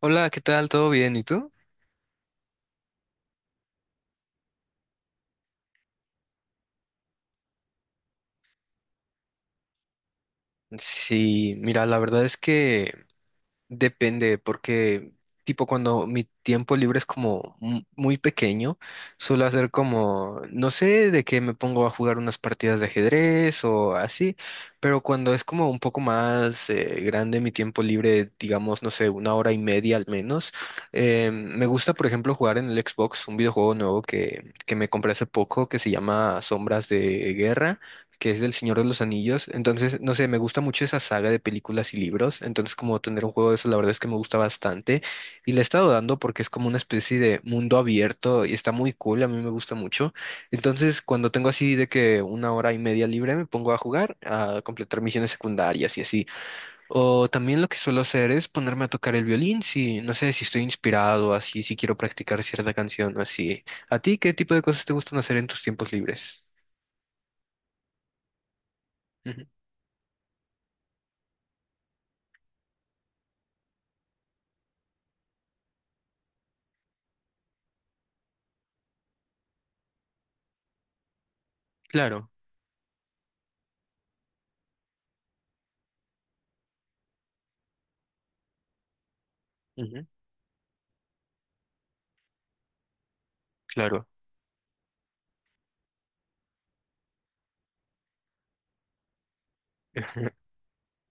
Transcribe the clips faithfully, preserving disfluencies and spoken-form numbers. Hola, ¿qué tal? ¿Todo bien? ¿Y tú? Sí, mira, la verdad es que depende, porque tipo cuando mi tiempo libre es como mu- muy pequeño, suelo hacer como, no sé, de que me pongo a jugar unas partidas de ajedrez o así, pero cuando es como un poco más eh, grande mi tiempo libre, digamos, no sé, una hora y media al menos, eh, me gusta, por ejemplo, jugar en el Xbox un videojuego nuevo que, que me compré hace poco que se llama Sombras de Guerra, que es del Señor de los Anillos. Entonces, no sé, me gusta mucho esa saga de películas y libros. Entonces, como tener un juego de eso, la verdad es que me gusta bastante. Y le he estado dando porque es como una especie de mundo abierto y está muy cool, a mí me gusta mucho. Entonces, cuando tengo así de que una hora y media libre, me pongo a jugar, a completar misiones secundarias y así. O también lo que suelo hacer es ponerme a tocar el violín, si no sé si estoy inspirado, así, si quiero practicar cierta canción o así. ¿A ti qué tipo de cosas te gustan hacer en tus tiempos libres? Ujú. Claro. Claro,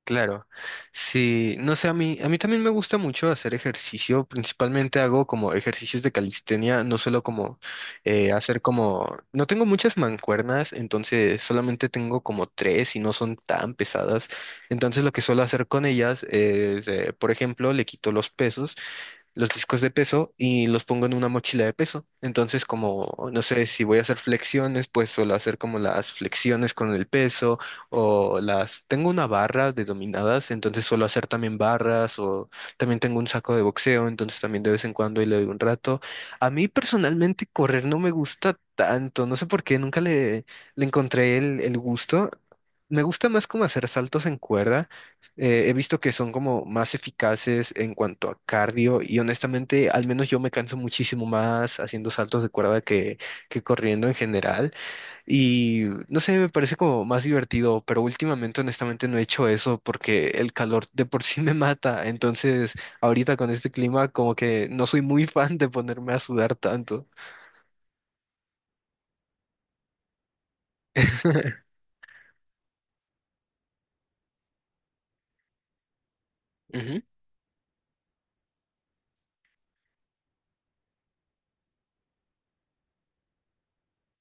claro. Sí, no sé, a mí, a mí también me gusta mucho hacer ejercicio. Principalmente hago como ejercicios de calistenia, no solo como eh, hacer como... No tengo muchas mancuernas, entonces solamente tengo como tres y no son tan pesadas. Entonces lo que suelo hacer con ellas es, eh, por ejemplo, le quito los pesos, los discos de peso y los pongo en una mochila de peso. Entonces, como, no sé, si voy a hacer flexiones, pues suelo hacer como las flexiones con el peso o las... Tengo una barra de dominadas, entonces suelo hacer también barras o también tengo un saco de boxeo, entonces también de vez en cuando y le doy un rato. A mí personalmente correr no me gusta tanto, no sé por qué, nunca le, le encontré el, el gusto. Me gusta más como hacer saltos en cuerda, eh, he visto que son como más eficaces en cuanto a cardio y honestamente, al menos yo me canso muchísimo más haciendo saltos de cuerda que, que corriendo en general y no sé, me parece como más divertido, pero últimamente honestamente no he hecho eso porque el calor de por sí me mata, entonces ahorita con este clima como que no soy muy fan de ponerme a sudar tanto. Ujú,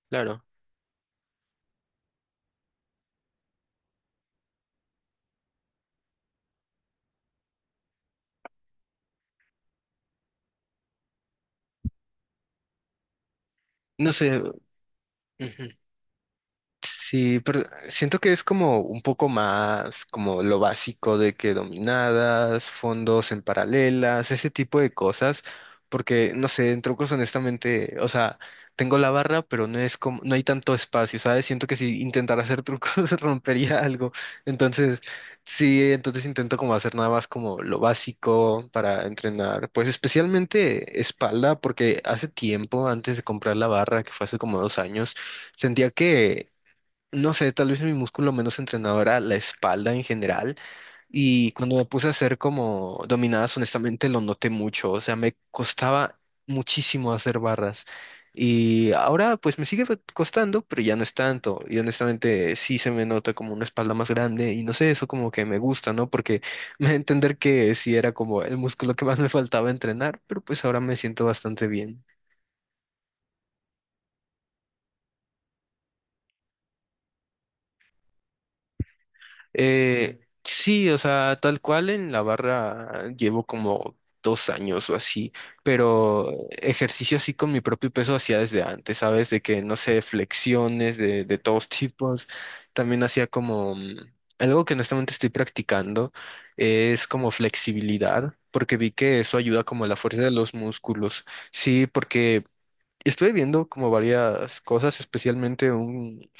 claro. No sé. Ujú. Sí, pero siento que es como un poco más como lo básico de que dominadas, fondos en paralelas, ese tipo de cosas, porque no sé, en trucos honestamente, o sea, tengo la barra, pero no es como, no hay tanto espacio, ¿sabes? Siento que si intentara hacer trucos rompería algo. Entonces, sí, entonces intento como hacer nada más como lo básico para entrenar, pues especialmente espalda, porque hace tiempo, antes de comprar la barra, que fue hace como dos años, sentía que, no sé, tal vez mi músculo menos entrenado era la espalda en general y cuando me puse a hacer como dominadas, honestamente lo noté mucho, o sea, me costaba muchísimo hacer barras y ahora pues me sigue costando, pero ya no es tanto y honestamente sí se me nota como una espalda más grande y no sé, eso como que me gusta, ¿no? Porque me da a entender que sí era como el músculo que más me faltaba entrenar, pero pues ahora me siento bastante bien. Eh, sí, o sea, tal cual en la barra llevo como dos años o así, pero ejercicio así con mi propio peso hacía desde antes, ¿sabes? De que, no sé, flexiones de, de todos tipos. También hacía como mm, algo que honestamente estoy practicando, es como flexibilidad, porque vi que eso ayuda como a la fuerza de los músculos. Sí, porque estuve viendo como varias cosas, especialmente un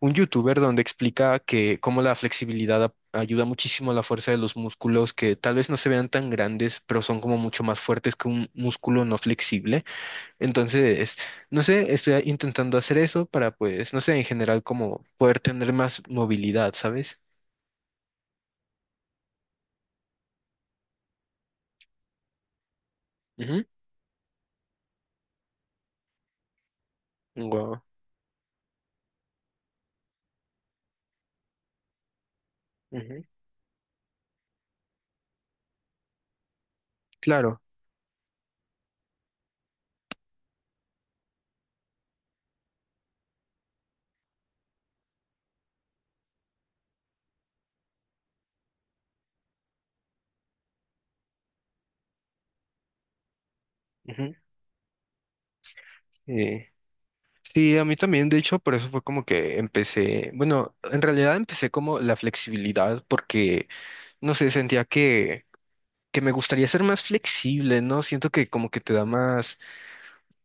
un youtuber donde explica que cómo la flexibilidad ap- ayuda muchísimo a la fuerza de los músculos, que tal vez no se vean tan grandes, pero son como mucho más fuertes que un músculo no flexible. Entonces, no sé, estoy intentando hacer eso para, pues, no sé, en general, como poder tener más movilidad, ¿sabes? Ujú. Guau. Ujú. Claro. Ujú. Eh, Sí, a mí también, de hecho, por eso fue como que empecé, bueno, en realidad empecé como la flexibilidad porque, no sé, sentía que que me gustaría ser más flexible, ¿no? Siento que como que te da más,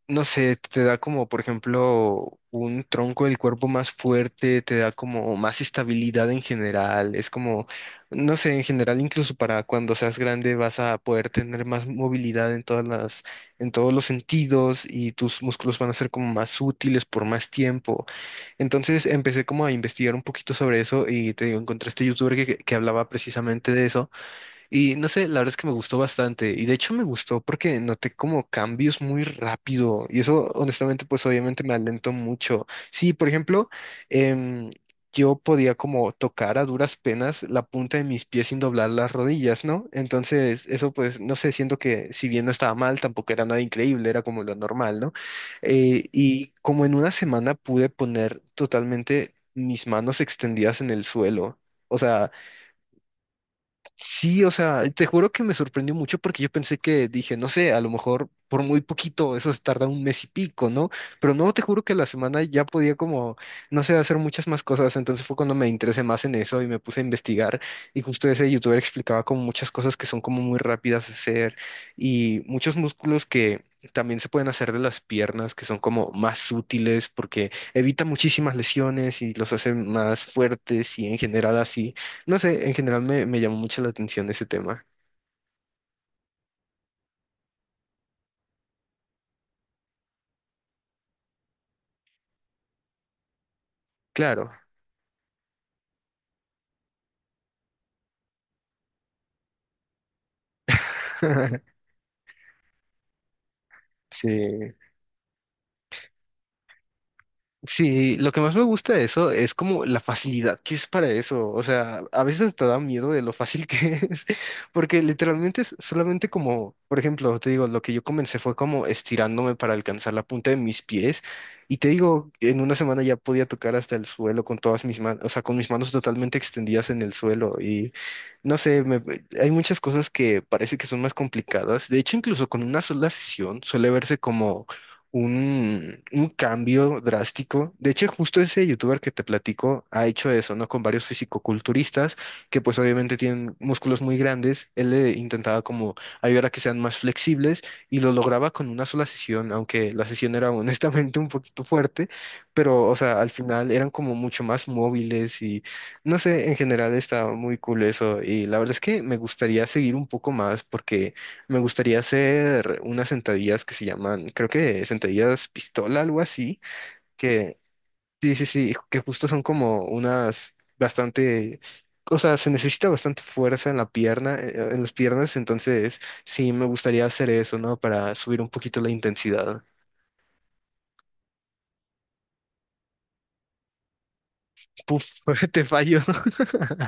no sé, te da como, por ejemplo, un tronco del cuerpo más fuerte, te da como más estabilidad en general, es como, no sé, en general incluso para cuando seas grande vas a poder tener más movilidad en todas las, en todos los sentidos y tus músculos van a ser como más útiles por más tiempo. Entonces empecé como a investigar un poquito sobre eso y te digo, encontré este youtuber que que- que hablaba precisamente de eso. Y no sé, la verdad es que me gustó bastante. Y de hecho me gustó porque noté como cambios muy rápido. Y eso, honestamente, pues obviamente me alentó mucho. Sí, por ejemplo, em, yo podía como tocar a duras penas la punta de mis pies sin doblar las rodillas, ¿no? Entonces, eso pues, no sé, siento que si bien no estaba mal, tampoco era nada increíble, era como lo normal, ¿no? Eh, y como en una semana pude poner totalmente mis manos extendidas en el suelo. O sea, sí, o sea, te juro que me sorprendió mucho porque yo pensé que dije, no sé, a lo mejor por muy poquito, eso se tarda un mes y pico, ¿no? Pero no, te juro que la semana ya podía como, no sé, hacer muchas más cosas, entonces fue cuando me interesé más en eso y me puse a investigar y justo ese youtuber explicaba como muchas cosas que son como muy rápidas de hacer y muchos músculos que... También se pueden hacer de las piernas, que son como más útiles porque evita muchísimas lesiones y los hace más fuertes y en general así. No sé, en general me, me llamó mucho la atención ese tema. Claro. Sí. Sí, lo que más me gusta de eso es como la facilidad que es para eso. O sea, a veces te da miedo de lo fácil que es, porque literalmente es solamente como, por ejemplo, te digo, lo que yo comencé fue como estirándome para alcanzar la punta de mis pies y te digo, en una semana ya podía tocar hasta el suelo con todas mis manos, o sea, con mis manos totalmente extendidas en el suelo y no sé, me- hay muchas cosas que parece que son más complicadas. De hecho, incluso con una sola sesión suele verse como un, un cambio drástico. De hecho, justo ese youtuber que te platico ha hecho eso, ¿no? Con varios fisicoculturistas que pues obviamente tienen músculos muy grandes. Él le intentaba como ayudar a que sean más flexibles y lo lograba con una sola sesión, aunque la sesión era honestamente un poquito fuerte, pero o sea, al final eran como mucho más móviles y no sé, en general estaba muy cool eso y la verdad es que me gustaría seguir un poco más porque... Me gustaría hacer unas sentadillas que se llaman, creo que sentadillas pistola, algo así, que sí, sí, sí, que justo son como unas bastante, o sea, se necesita bastante fuerza en la pierna, eh, en las piernas, entonces sí, me gustaría hacer eso, ¿no? Para subir un poquito la intensidad. Puf, te fallo.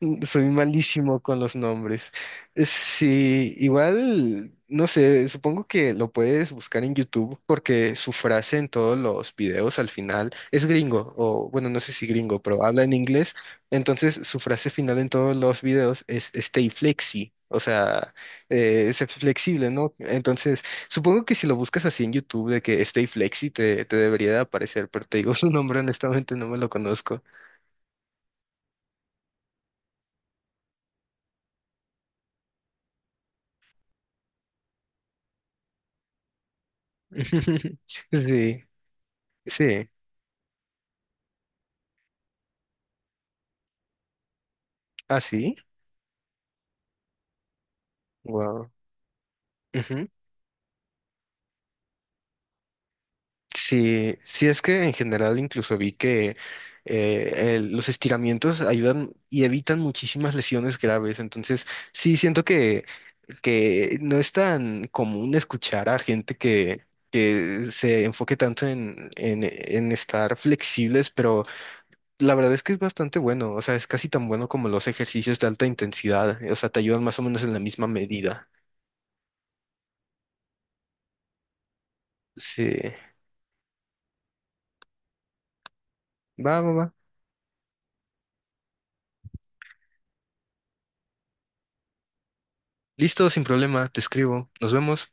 Mm, Soy malísimo con los nombres. Eh, Sí, igual, no sé, supongo que lo puedes buscar en YouTube porque su frase en todos los videos al final es gringo, o bueno, no sé si gringo, pero habla en inglés. Entonces, su frase final en todos los videos es stay flexi, o sea, eh, ser flexible, ¿no? Entonces, supongo que si lo buscas así en YouTube de que stay flexi te, te debería de aparecer, pero te digo su nombre, honestamente no me lo conozco. Sí, sí. Ah, sí, wow. Ujú. Sí, sí es que en general incluso vi que eh, el- los estiramientos ayudan y evitan muchísimas lesiones graves. Entonces, sí siento que, que no es tan común escuchar a gente que, que se enfoque tanto en, en, en estar flexibles, pero la verdad es que es bastante bueno. O sea, es casi tan bueno como los ejercicios de alta intensidad. O sea, te ayudan más o menos en la misma medida. Sí. Va, va, va. Listo, sin problema, te escribo. Nos vemos.